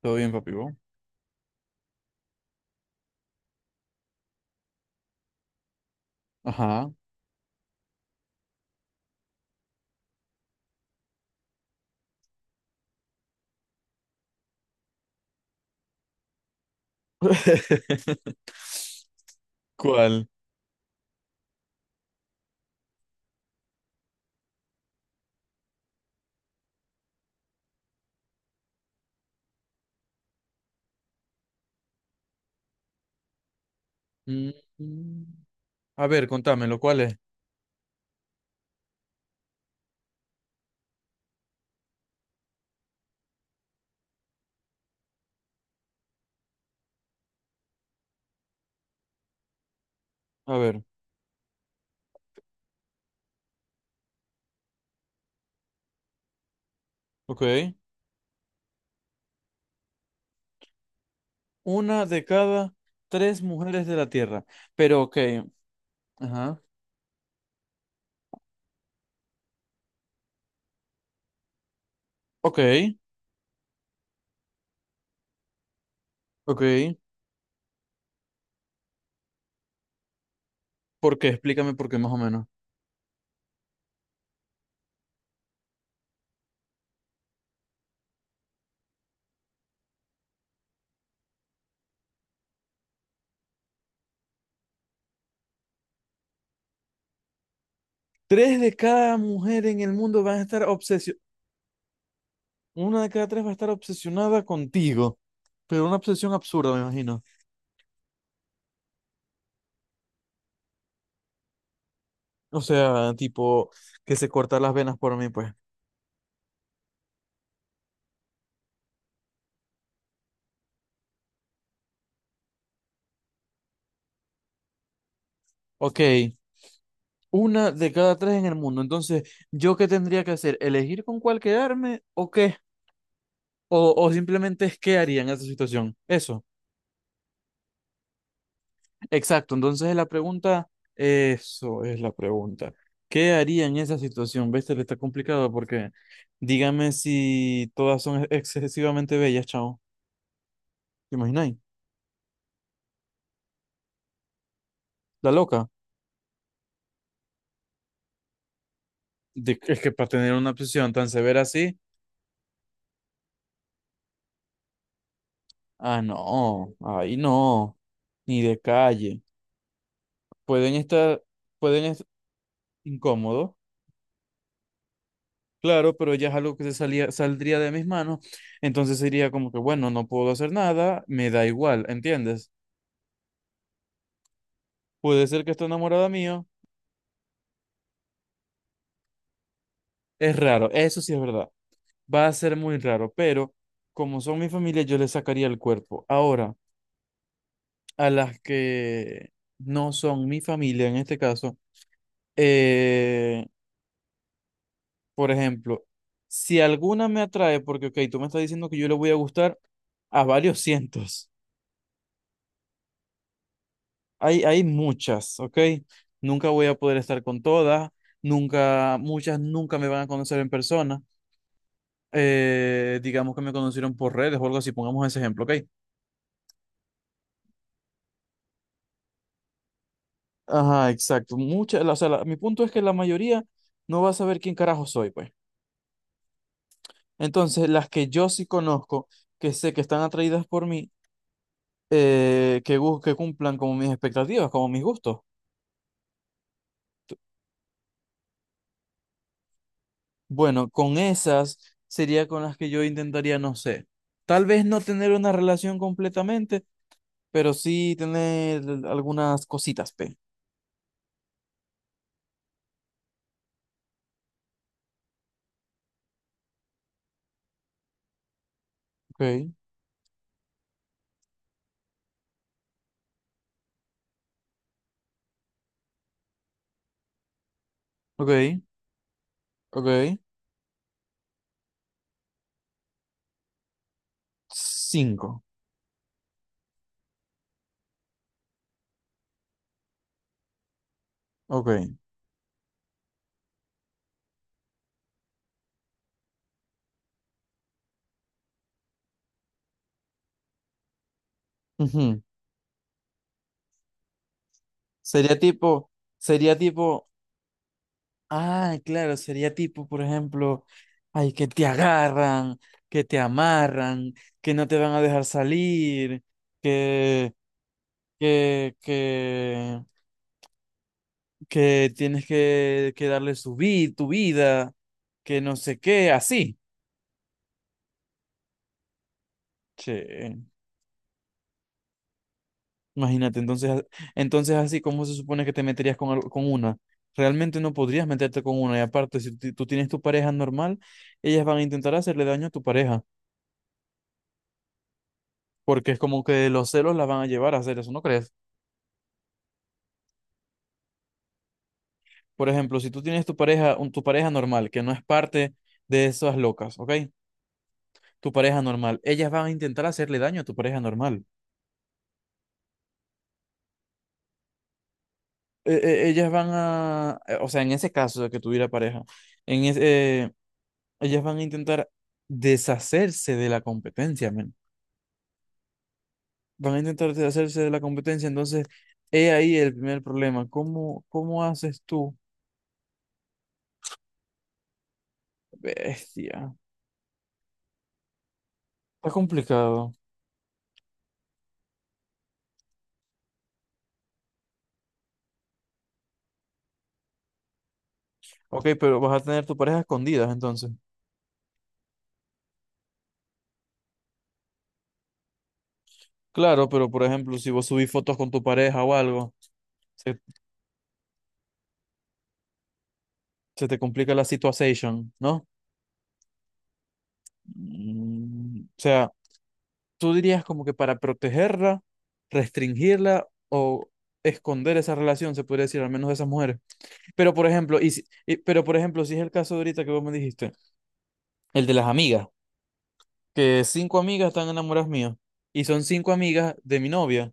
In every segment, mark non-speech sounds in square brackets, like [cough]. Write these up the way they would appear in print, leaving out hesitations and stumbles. Todo bien, papi. ¿Vos? Ajá. [laughs] ¿Cuál? Mm, a ver, contámelo, ¿cuál es? A ver, ok. Una de cada tres mujeres de la Tierra. Pero, ok. Ajá. Ok, ok. ¿Por qué? Explícame por qué, más o menos. Tres de cada mujer en el mundo van a estar obsesionadas. Una de cada tres va a estar obsesionada contigo. Pero una obsesión absurda, me imagino. O sea, tipo, que se corta las venas por mí, pues. Ok. Una de cada tres en el mundo. Entonces, ¿yo qué tendría que hacer? ¿Elegir con cuál quedarme o qué? O simplemente es qué haría en esa situación. Eso, exacto. Entonces, la pregunta, eso es la pregunta. ¿Qué haría en esa situación? ¿Ves? Le está complicado porque dígame si todas son excesivamente bellas, chao. ¿Te imagináis? La loca. Es que para tener una obsesión tan severa así, ah, no, ahí no, ni de calle. Pueden estar, pueden estar incómodos. Claro, pero ya es algo que se salía, saldría de mis manos, entonces sería como que, bueno, no puedo hacer nada, me da igual, ¿entiendes? Puede ser que esté enamorada mío, es raro, eso sí es verdad, va a ser muy raro, pero como son mi familia, yo les sacaría el cuerpo. Ahora, a las que no son mi familia, en este caso, eh, por ejemplo, si alguna me atrae, porque, ok, tú me estás diciendo que yo le voy a gustar a varios [laughs] cientos. Hay muchas, ¿ok? Nunca voy a poder estar con todas, nunca, muchas nunca me van a conocer en persona. Digamos que me conocieron por redes o algo así, pongamos ese ejemplo, ¿ok? Ajá, exacto. Muchas, o sea, mi punto es que la mayoría no va a saber quién carajo soy, pues. Entonces, las que yo sí conozco, que sé que están atraídas por mí, que, que cumplan como mis expectativas, como mis gustos. Bueno, con esas sería con las que yo intentaría, no sé, tal vez no tener una relación completamente pero sí tener algunas cositas, P. Ok, ok, ok. Cinco. Ok. Ujú. Sería tipo, sería tipo, ah, claro, sería tipo, por ejemplo, ay, que te agarran, que te amarran, que no te van a dejar salir, que, que, que, que tienes que darle su vida, tu vida, que no sé qué, así. Che. Imagínate, entonces, entonces así, ¿cómo se supone que te meterías con, con una? Realmente no podrías meterte con una. Y aparte, si tú tienes tu pareja normal, ellas van a intentar hacerle daño a tu pareja, porque es como que los celos la van a llevar a hacer eso, ¿no crees? Por ejemplo, si tú tienes tu pareja, tu pareja normal, que no es parte de esas locas, ¿ok? Tu pareja normal, ellas van a intentar hacerle daño a tu pareja normal. Ellas van a, o sea, en ese caso de que tuviera pareja, en ese, ellas van a intentar deshacerse de la competencia, men. Van a intentar deshacerse de la competencia, entonces he ahí el primer problema. ¿Cómo, cómo haces tú? Bestia. Está complicado. Ok, pero vas a tener tu pareja escondidas entonces. Claro, pero por ejemplo, si vos subís fotos con tu pareja o algo, se, se te complica la situación, ¿no? Mm, o sea, tú dirías como que para protegerla, restringirla o esconder esa relación, se podría decir, al menos de esas mujeres. Pero por ejemplo, y, pero por ejemplo, si es el caso de ahorita que vos me dijiste, el de las amigas, que cinco amigas están enamoradas mías y son cinco amigas de mi novia,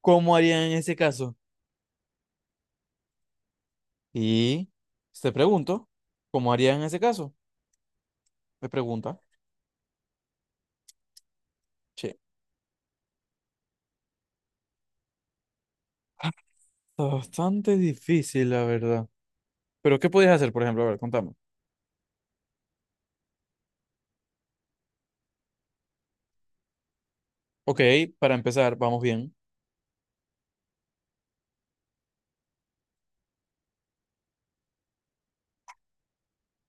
¿cómo harían en ese caso? Y te pregunto, ¿cómo harían en ese caso? Me pregunta. Che, ah, está bastante difícil, la verdad. Pero ¿qué podías hacer, por ejemplo? A ver, contame. Ok, para empezar, vamos bien.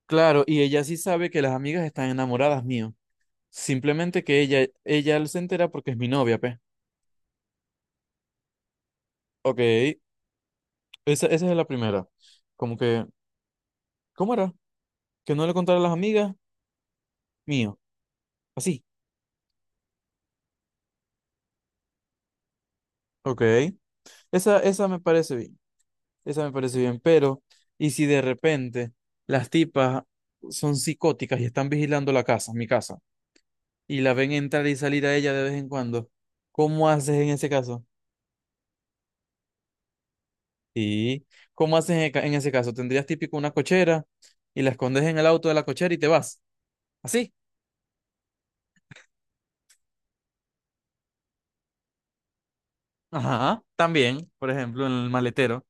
Claro, y ella sí sabe que las amigas están enamoradas mío. Simplemente que ella se entera porque es mi novia, pe. Ok, esa es la primera. Como que, ¿cómo era? Que no le contara a las amigas, mío. Así. Ok. Esa me parece bien. Esa me parece bien. Pero, ¿y si de repente las tipas son psicóticas y están vigilando la casa, mi casa, y la ven entrar y salir a ella de vez en cuando? ¿Cómo haces en ese caso? Sí. ¿Cómo haces en, en ese caso? ¿Tendrías típico una cochera y la escondes en el auto de la cochera y te vas? ¿Así? Ajá. También, por ejemplo, en el maletero.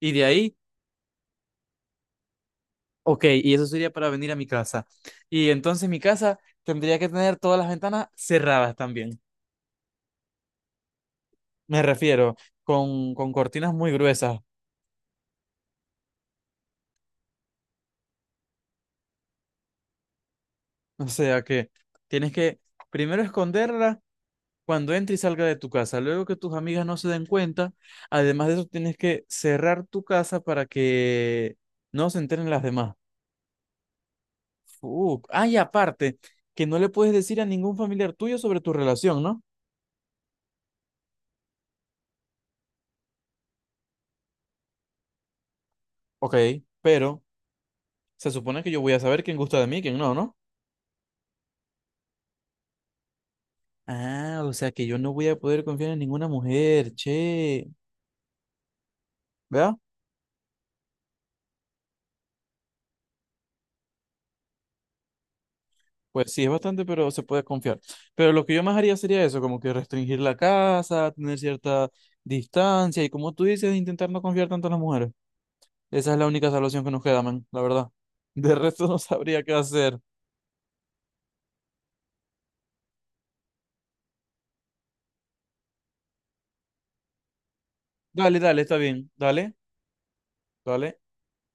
Y de ahí ok, y eso sería para venir a mi casa. Y entonces mi casa tendría que tener todas las ventanas cerradas también. Me refiero, con, cortinas muy gruesas. O sea que tienes que primero esconderla cuando entre y salga de tu casa. Luego que tus amigas no se den cuenta. Además de eso, tienes que cerrar tu casa para que no se enteren las demás. Ah, y aparte, que no le puedes decir a ningún familiar tuyo sobre tu relación, ¿no? Ok, pero se supone que yo voy a saber quién gusta de mí y quién no, ¿no? Ah, o sea que yo no voy a poder confiar en ninguna mujer, che. ¿Verdad? Pues sí, es bastante, pero se puede confiar. Pero lo que yo más haría sería eso, como que restringir la casa, tener cierta distancia y como tú dices, intentar no confiar tanto en las mujeres. Esa es la única salvación que nos queda, man, la verdad. De resto [laughs] no sabría qué hacer. Dale, dale, está bien. Dale, dale.